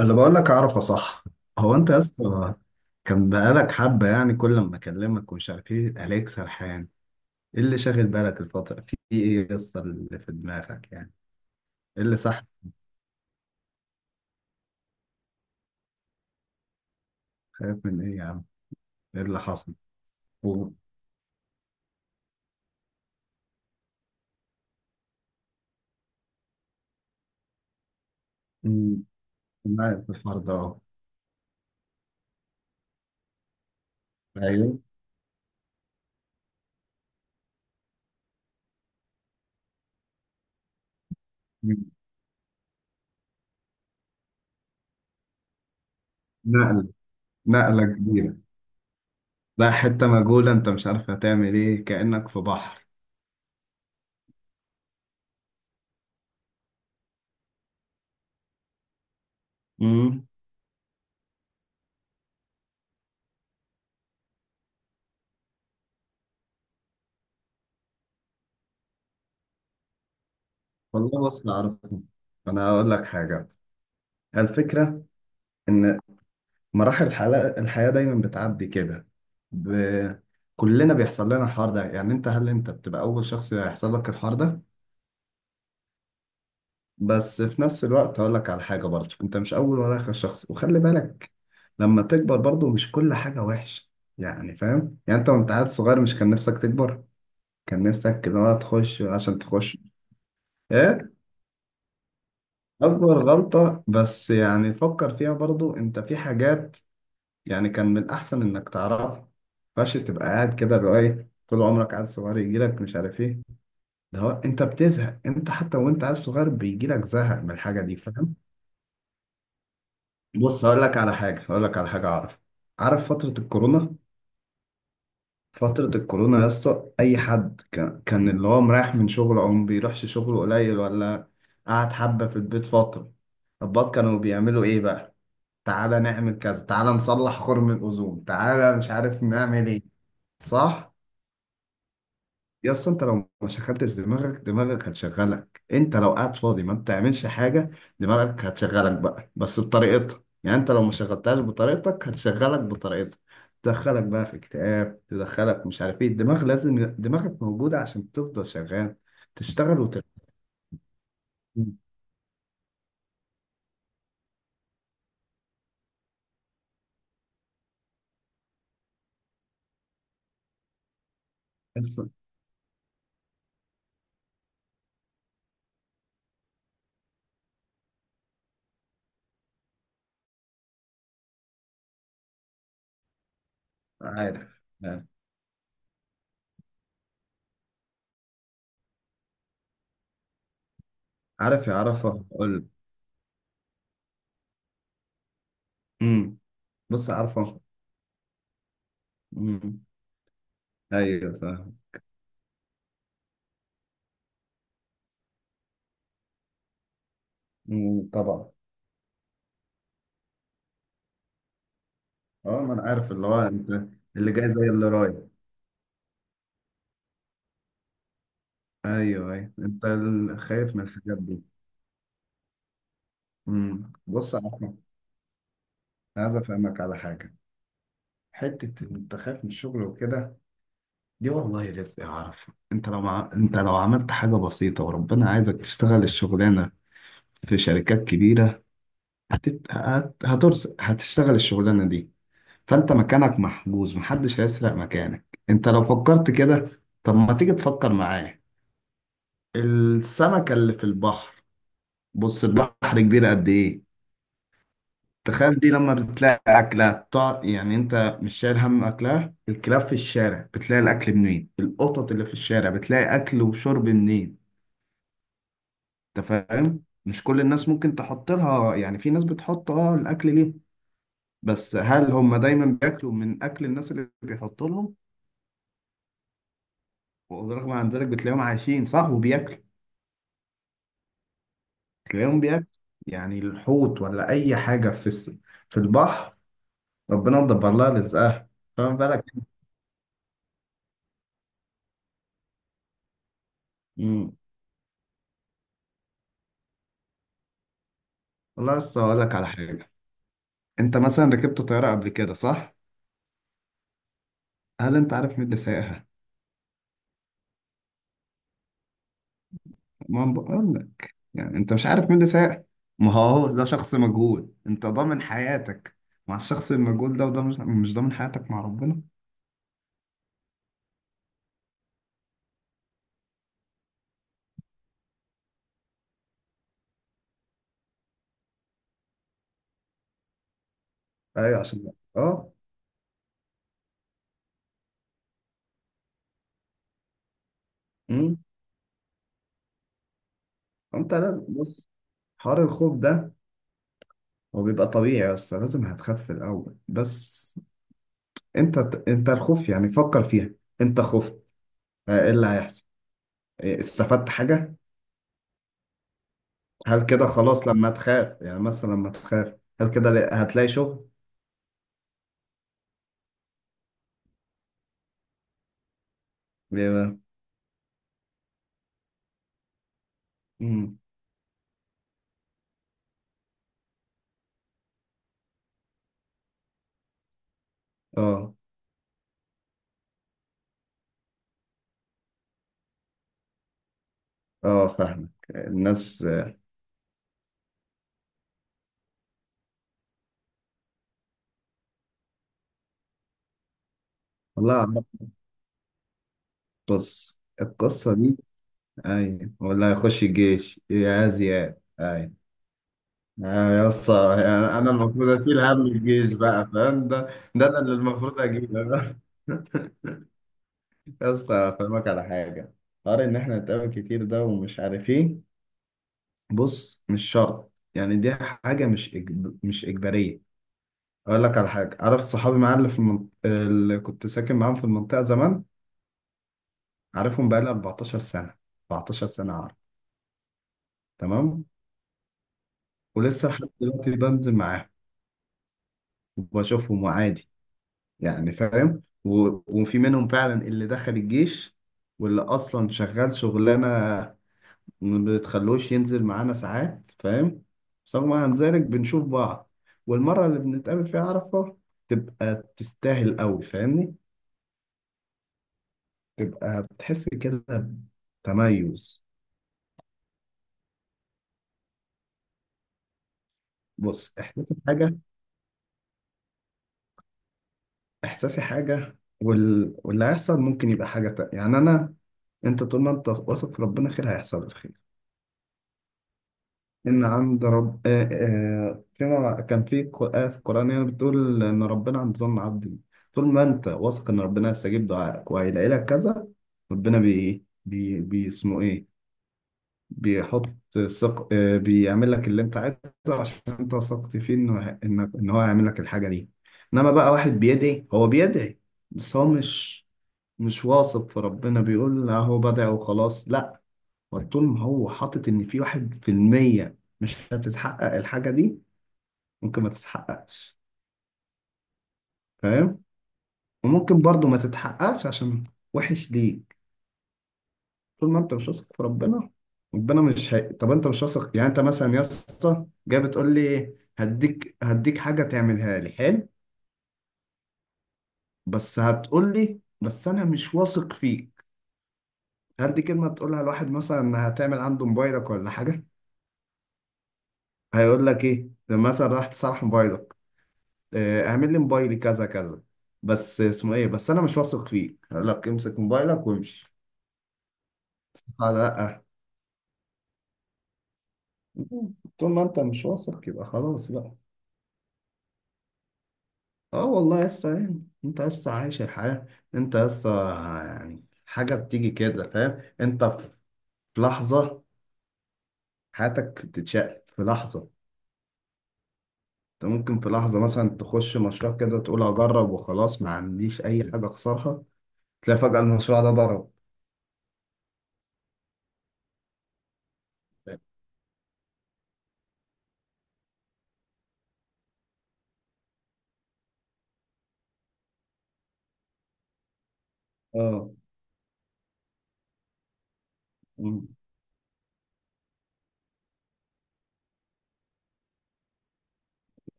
اللي بقول لك اعرفه صح. هو انت يا اسطى، كان بقالك حبه، يعني كل ما اكلمك ومش عارف ايه، عليك سرحان. ايه اللي شاغل بالك الفتره؟ في ايه يا اسطى اللي في دماغك يعني؟ ايه اللي صح؟ خايف من ايه يا عم؟ ايه اللي حصل؟ و... أمم، معايا في الحوار ده اهو. ايوه. أمم، نقله نقله كبيره. لا، حته مجهوله، انت مش عارف هتعمل ايه، كانك في بحر. امم. والله بص، اعرفه. انا هقول لك حاجه. الفكره ان مراحل الحياة دايما بتعدي كده. ب... كلنا بيحصل لنا الحوار ده، يعني انت هل انت بتبقى اول شخص يحصل لك الحوار ده؟ بس في نفس الوقت هقول لك على حاجة برضه، انت مش اول ولا اخر شخص وخلي بالك. لما تكبر برضه مش كل حاجة وحشة. يعني فاهم، يعني انت وانت عيل صغير مش كان نفسك تكبر؟ كان نفسك كده بقى تخش عشان تخش. ايه اكبر غلطة؟ بس يعني فكر فيها برضه، انت في حاجات يعني كان من الأحسن إنك تعرف. فش تبقى قاعد كده اللي هو إيه طول عمرك عيل صغير يجيلك مش عارف إيه. ده هو أنت بتزهق، أنت حتى وأنت عيل صغير بيجيلك زهق من الحاجة دي، فاهم. بص هقول لك على حاجة. أعرف عارف فترة الكورونا؟ فترة الكورونا يا اسطى، أي حد كان اللي هو مريح من شغله أو ما بيروحش شغله قليل، ولا قعد حبة في البيت فترة؟ الضباط كانوا بيعملوا إيه بقى؟ تعالى نعمل كذا، تعالى نصلح خرم الأوزون، تعالى مش عارف نعمل إيه. صح. يا اسطى، انت لو ما شغلتش دماغك، دماغك هتشغلك. انت لو قاعد فاضي ما بتعملش حاجه، دماغك هتشغلك بقى، بس بطريقتها. يعني انت لو ما شغلتهاش بطريقتك هتشغلك بطريقتها. تدخلك بقى في اكتئاب، تدخلك مش عارف ايه. الدماغ لازم دماغك موجوده عشان تفضل شغال، تشتغل وتر. بس عارف عارف عارف يا عرفه، قول. امم. بص يا عرفه. امم. ايوه فاهم. امم. طبعا. اه، ما انا عارف اللي هو انت، اللي جاي زي اللي رايح. ايوه ايوه، خايف من الحاجات دي. امم. بص يا احمد، عايز افهمك على حاجه. حته إن انت خايف من الشغل وكده، دي والله رزق. اعرف، انت لو عملت حاجه بسيطه وربنا عايزك تشتغل الشغلانه في شركات كبيره، هترزق، هتشتغل الشغلانه دي. فانت مكانك محجوز، محدش هيسرق مكانك. انت لو فكرت كده، طب ما تيجي تفكر معايا السمكه اللي في البحر. بص البحر كبير قد ايه، تخيل. دي لما بتلاقي أكلة بتاع، يعني أنت مش شايل هم أكلها. الكلاب في الشارع بتلاقي الأكل منين؟ القطط اللي في الشارع بتلاقي أكل وشرب منين؟ أنت فاهم، مش كل الناس ممكن تحط لها. يعني في ناس بتحط أه الأكل ليه، بس هل هم دايما بياكلوا من أكل الناس اللي بيحطوا لهم؟ ورغم عن ذلك بتلاقيهم عايشين صح وبياكلوا. تلاقيهم بياكلوا. يعني الحوت ولا أي حاجة في في البحر، ربنا مدبر لها رزقها. فاهم بالك. مم. والله لسه هقول لك على حاجة. انت مثلا ركبت طياره قبل كده، صح؟ هل انت عارف مين اللي سايقها؟ ما أنا بقول لك. يعني انت مش عارف مين اللي سايقها. ما هو ده شخص مجهول، انت ضامن حياتك مع الشخص المجهول ده، وده مش ضامن حياتك مع ربنا؟ ايوه عشان ده اه. امم. انت لازم بص، حوار الخوف ده هو بيبقى طبيعي، بس لازم هتخاف في الاول. بس انت انت الخوف، يعني فكر فيها. انت خفت، اه، ايه اللي هيحصل؟ ايه، استفدت حاجه؟ هل كده خلاص لما تخاف؟ يعني مثلا لما تخاف هل كده هتلاقي شغل؟ ليه بقى؟ مم. اه اه فاهمك الناس. والله أعرف. بص القصة دي. أي، ولا هيخش الجيش يا زياد؟ أي. آه، يا اسطى يعني أنا المفروض أشيل هم الجيش بقى فاهم ده؟ ده أنا اللي المفروض أجيبه. يا اسطى أفهمك على حاجة. حوار إن إحنا نتقابل كتير ده ومش عارف إيه، بص مش شرط. يعني دي حاجة مش إجبارية. اقول لك على حاجه. عارف صحابي معايا اللي في اللي كنت ساكن معاهم في المنطقه زمان؟ عارفهم بقالي 14 سنه. 14 سنه، عارف. تمام. ولسه لحد دلوقتي بنزل معاهم وبشوفهم، وعادي يعني، فاهم. وفي منهم فعلا اللي دخل الجيش، واللي اصلا شغال شغلانه ما بتخلوش ينزل معانا ساعات، فاهم. بس هو مع ذلك بنشوف بعض، والمره اللي بنتقابل فيها عارفه تبقى تستاهل قوي فاهمني، تبقى بتحس كده، بتميز. بص احساسي حاجة، احساسي حاجة واللي هيحصل ممكن يبقى حاجة تانية. يعني انا انت طول ما انت واثق في ربنا خير، هيحصل الخير. ان عند رب آه. آه فيما كان في آية في القرآن يعني بتقول ان ربنا عند ظن عبده. طول ما انت واثق ان ربنا هيستجيب دعائك وهيلاقي لك كذا، ربنا بي اسمه ايه، بيحط، ثق آه، بيعمل لك اللي انت عايزه، عشان انت وثقت فيه انه انك ان هو يعمل لك الحاجه دي. انما بقى واحد بيدعي، هو بيدعي بس هو مش واثق في ربنا، بيقول لا، هو بدع وخلاص، لا. هو طول ما هو حاطط ان في واحد في المية مش هتتحقق الحاجه دي، ممكن ما تتحققش، فاهم. وممكن برضو ما تتحققش عشان وحش ليه؟ طول ما انت مش واثق في ربنا، ربنا مش هي... طب انت مش واثق. يعني انت مثلا يا اسطى جاي بتقول لي هديك حاجه تعملها لي حلو، بس هتقول لي بس انا مش واثق فيك، هل دي كلمه تقولها لواحد مثلا هتعمل عنده موبايلك ولا حاجه؟ هيقول لك ايه لما مثلا راح تصلح موبايلك؟ اه، اعمل لي موبايلي كذا كذا، بس اسمه ايه، بس انا مش واثق فيك، هقول لك امسك موبايلك وامشي. لا لا. طول ما انت مش واثق يبقى خلاص بقى. اه والله، لسه يعني انت لسه عايش الحياة. انت لسه يعني حاجة بتيجي كده فاهم. انت في لحظة حياتك بتتشقلب في لحظة. انت ممكن في لحظة مثلا تخش مشروع كده، تقول هجرب وخلاص، ما عنديش اي حاجة اخسرها. تلاقي فجأة المشروع ده ضرب. اه. مم.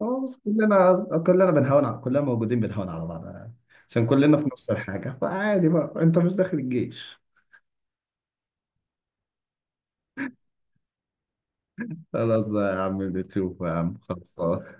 خلاص، كلنا بنهون على كلنا، موجودين بنهون على بعض يعني. عشان كلنا في نفس الحاجة، فعادي بقى انت مش داخل الجيش. خلاص بقى يا عم، بتشوف يا عم، خلاص.